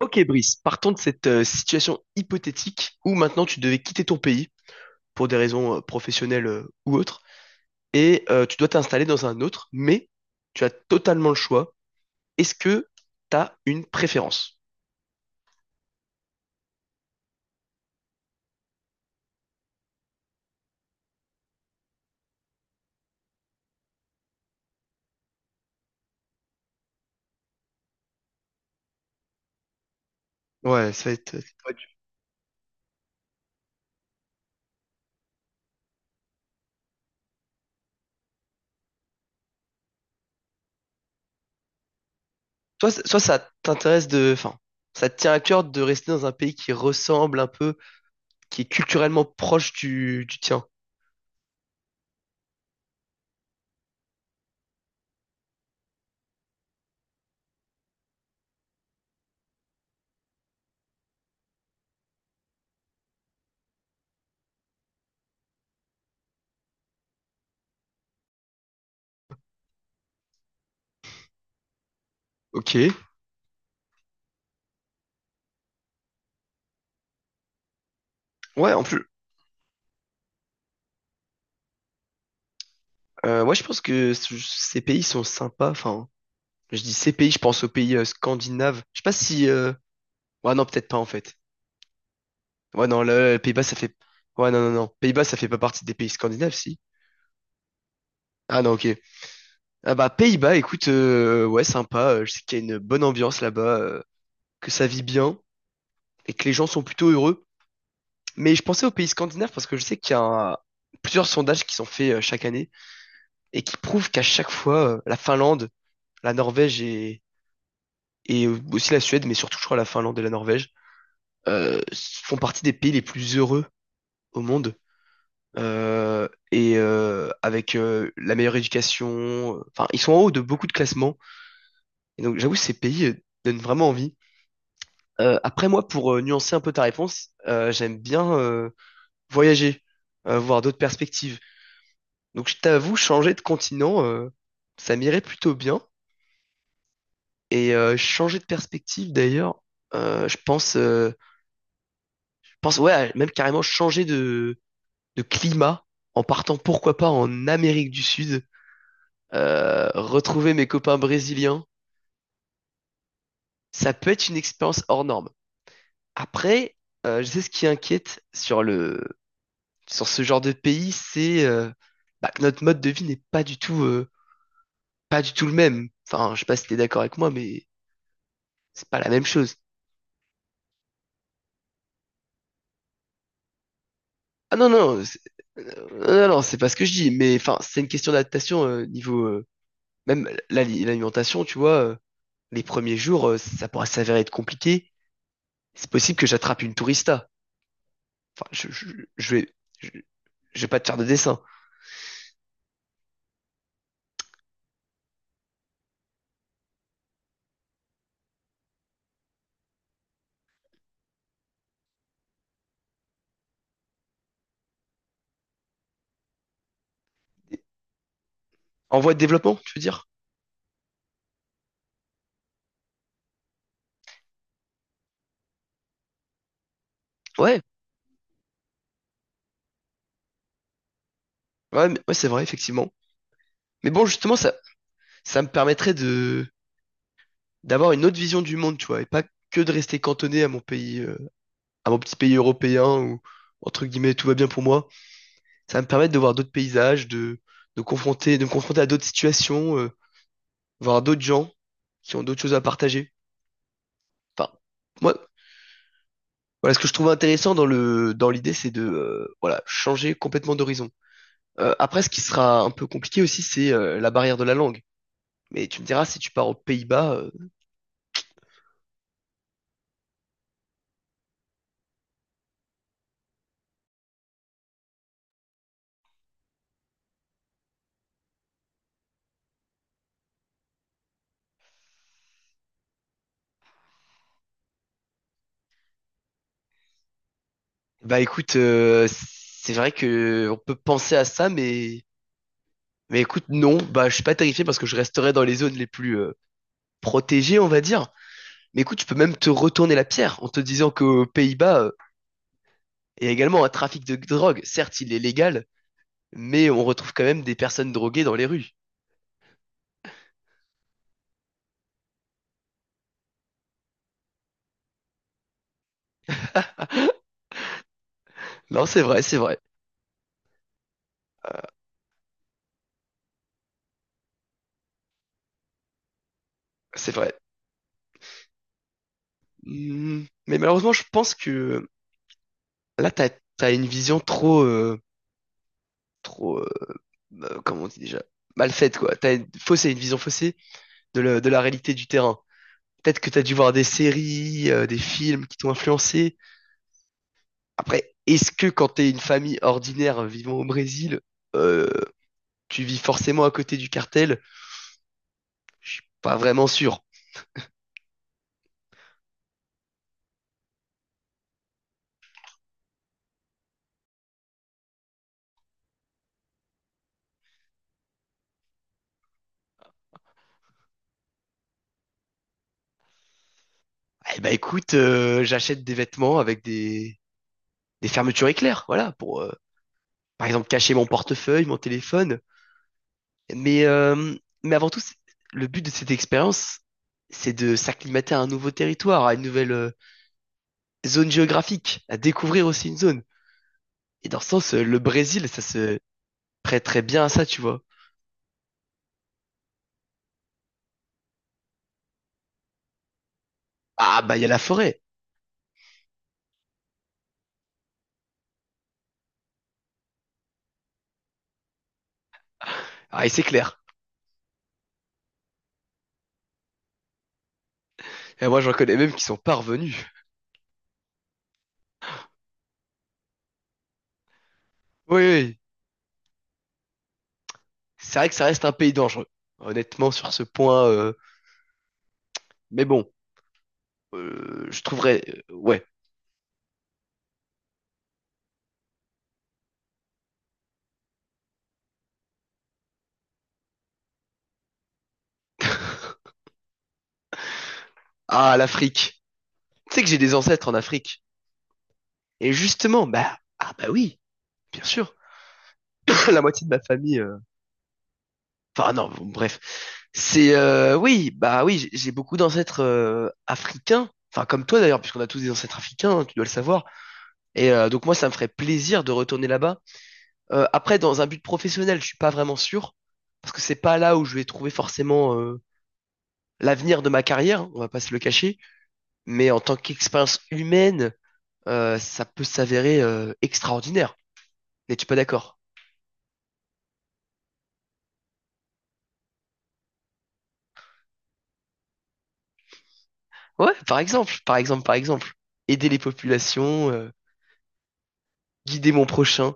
Ok Brice, partons de cette situation hypothétique où maintenant tu devais quitter ton pays pour des raisons professionnelles ou autres et tu dois t'installer dans un autre, mais tu as totalement le choix. Est-ce que tu as une préférence? Ouais, ça va être... Soit ça t'intéresse de... Enfin, ça te tient à cœur de rester dans un pays qui ressemble un peu qui est culturellement proche du tien? Ok. Ouais, en plus, ouais, je pense que ces pays sont sympas. Enfin, je dis ces pays, je pense aux pays scandinaves. Je sais pas si. Ouais, non, peut-être pas en fait. Ouais, non, le Pays-Bas, ça fait. Ouais, non, non, non. Pays-Bas, ça fait pas partie des pays scandinaves, si. Ah non, ok. Ah bah Pays-Bas, écoute, ouais, sympa. Je sais qu'il y a une bonne ambiance là-bas, que ça vit bien et que les gens sont plutôt heureux. Mais je pensais aux pays scandinaves parce que je sais qu'il y a plusieurs sondages qui sont faits chaque année et qui prouvent qu'à chaque fois, la Finlande, la Norvège et aussi la Suède, mais surtout je crois la Finlande et la Norvège, font partie des pays les plus heureux au monde. Et avec la meilleure éducation, enfin ils sont en haut de beaucoup de classements. Et donc j'avoue ces pays donnent vraiment envie. Après moi, pour nuancer un peu ta réponse, j'aime bien voyager, voir d'autres perspectives. Donc je t'avoue, changer de continent, ça m'irait plutôt bien. Et changer de perspective d'ailleurs, euh, je pense, euh, je pense ouais, même carrément changer de climat en partant pourquoi pas en Amérique du Sud, retrouver mes copains brésiliens, ça peut être une expérience hors norme. Après, je sais ce qui inquiète sur le sur ce genre de pays, c'est bah, que notre mode de vie n'est pas du tout, pas du tout le même. Enfin, je sais pas si t'es d'accord avec moi, mais c'est pas la même chose. Ah non, non, non, non, c'est pas ce que je dis, mais enfin, c'est une question d'adaptation niveau même l'alimentation, tu vois. Les premiers jours, ça pourra s'avérer être compliqué. C'est possible que j'attrape une tourista. Enfin, je vais, je, je vais pas te faire de dessin. En voie de développement, tu veux dire? Ouais, ouais, ouais, c'est vrai, effectivement. Mais bon, justement, ça me permettrait de d'avoir une autre vision du monde, tu vois, et pas que de rester cantonné à mon pays, à mon petit pays européen où, entre guillemets, tout va bien pour moi. Ça va me permettre de voir d'autres paysages, de confronter, de me confronter à d'autres situations, voir d'autres gens qui ont d'autres choses à partager. Enfin, moi, voilà, ce que je trouve intéressant dans le, dans l'idée, c'est de, voilà, changer complètement d'horizon. Après, ce qui sera un peu compliqué aussi, c'est la barrière de la langue. Mais tu me diras, si tu pars aux Pays-Bas, bah écoute, c'est vrai que on peut penser à ça, mais écoute, non, bah, je suis pas terrifié parce que je resterai dans les zones les plus protégées, on va dire. Mais écoute, tu peux même te retourner la pierre en te disant qu'aux Pays-Bas, il y a également un trafic de drogue. Certes, il est légal, mais on retrouve quand même des personnes droguées dans les rues. Non, c'est vrai, c'est vrai, c'est vrai. Hmm, mais malheureusement, je pense que là, t'as, t'as une vision trop, trop, comment on dit déjà, mal faite, quoi. T'as une faussée, une vision faussée de la réalité du terrain. Peut-être que t'as dû voir des séries, des films qui t'ont influencé. Après, est-ce que quand t'es une famille ordinaire vivant au Brésil, euh, tu vis forcément à côté du cartel? Je suis pas vraiment sûr. Eh ben écoute, j'achète des vêtements avec des fermetures éclairs, voilà, pour par exemple cacher mon portefeuille, mon téléphone. Mais, euh, mais avant tout, le but de cette expérience, c'est de s'acclimater à un nouveau territoire, à une nouvelle zone géographique, à découvrir aussi une zone. Et dans ce sens, le Brésil, ça se prête très bien à ça, tu vois. Ah bah il y a la forêt. Ah et c'est clair. Et moi, j'en connais même qui sont pas revenus. Oui, oui. C'est vrai que ça reste un pays dangereux. Honnêtement, sur ce point, mais bon, je trouverais, ouais. Ah, l'Afrique. Tu sais que j'ai des ancêtres en Afrique. Et justement, bah, ah bah oui, bien sûr. La moitié de ma famille, enfin non, bon, bref. C'est, oui, bah oui, j'ai beaucoup d'ancêtres africains. Enfin, comme toi d'ailleurs, puisqu'on a tous des ancêtres africains, hein, tu dois le savoir. Et donc moi, ça me ferait plaisir de retourner là-bas. Après, dans un but professionnel, je suis pas vraiment sûr, parce que c'est pas là où je vais trouver forcément l'avenir de ma carrière, hein, on va pas se le cacher. Mais en tant qu'expérience humaine, ça peut s'avérer extraordinaire. N'es-tu pas d'accord? Ouais, par exemple, par exemple, par exemple. Aider les populations, guider mon prochain.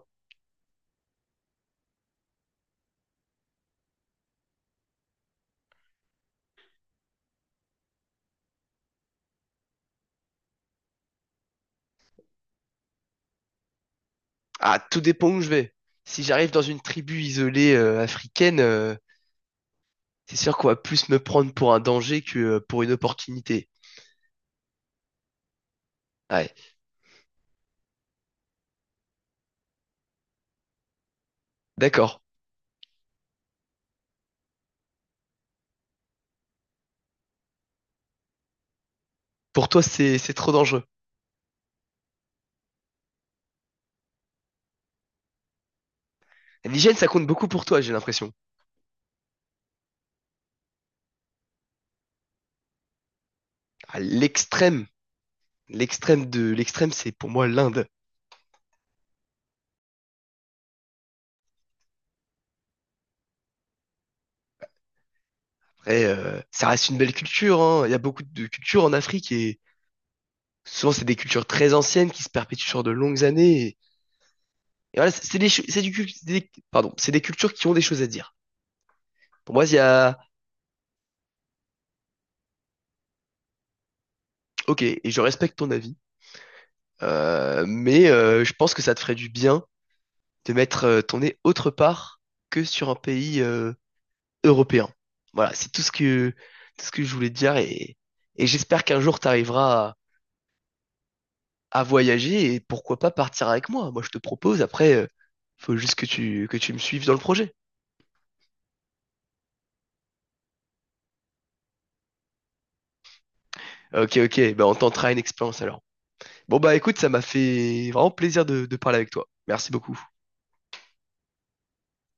Ah, tout dépend où je vais. Si j'arrive dans une tribu isolée africaine, c'est sûr qu'on va plus me prendre pour un danger que pour une opportunité. Ouais, d'accord. Pour toi, c'est trop dangereux. L'hygiène, ça compte beaucoup pour toi, j'ai l'impression. À l'extrême, l'extrême de l'extrême, c'est pour moi l'Inde. Après, ça reste une belle culture, hein. Il y a beaucoup de cultures en Afrique et souvent c'est des cultures très anciennes qui se perpétuent sur de longues années. Et voilà, c'est des, pardon, c'est des cultures qui ont des choses à dire. Pour moi, il y a, ok, et je respecte ton avis, mais je pense que ça te ferait du bien de mettre ton nez autre part que sur un pays européen. Voilà, c'est tout ce que je voulais te dire et j'espère qu'un jour tu arriveras à voyager et pourquoi pas partir avec moi. Moi, je te propose, après, faut juste que tu me suives dans le projet. Ok, ok, bah on tentera une expérience alors. Bon, bah écoute, ça m'a fait vraiment plaisir de parler avec toi. Merci beaucoup.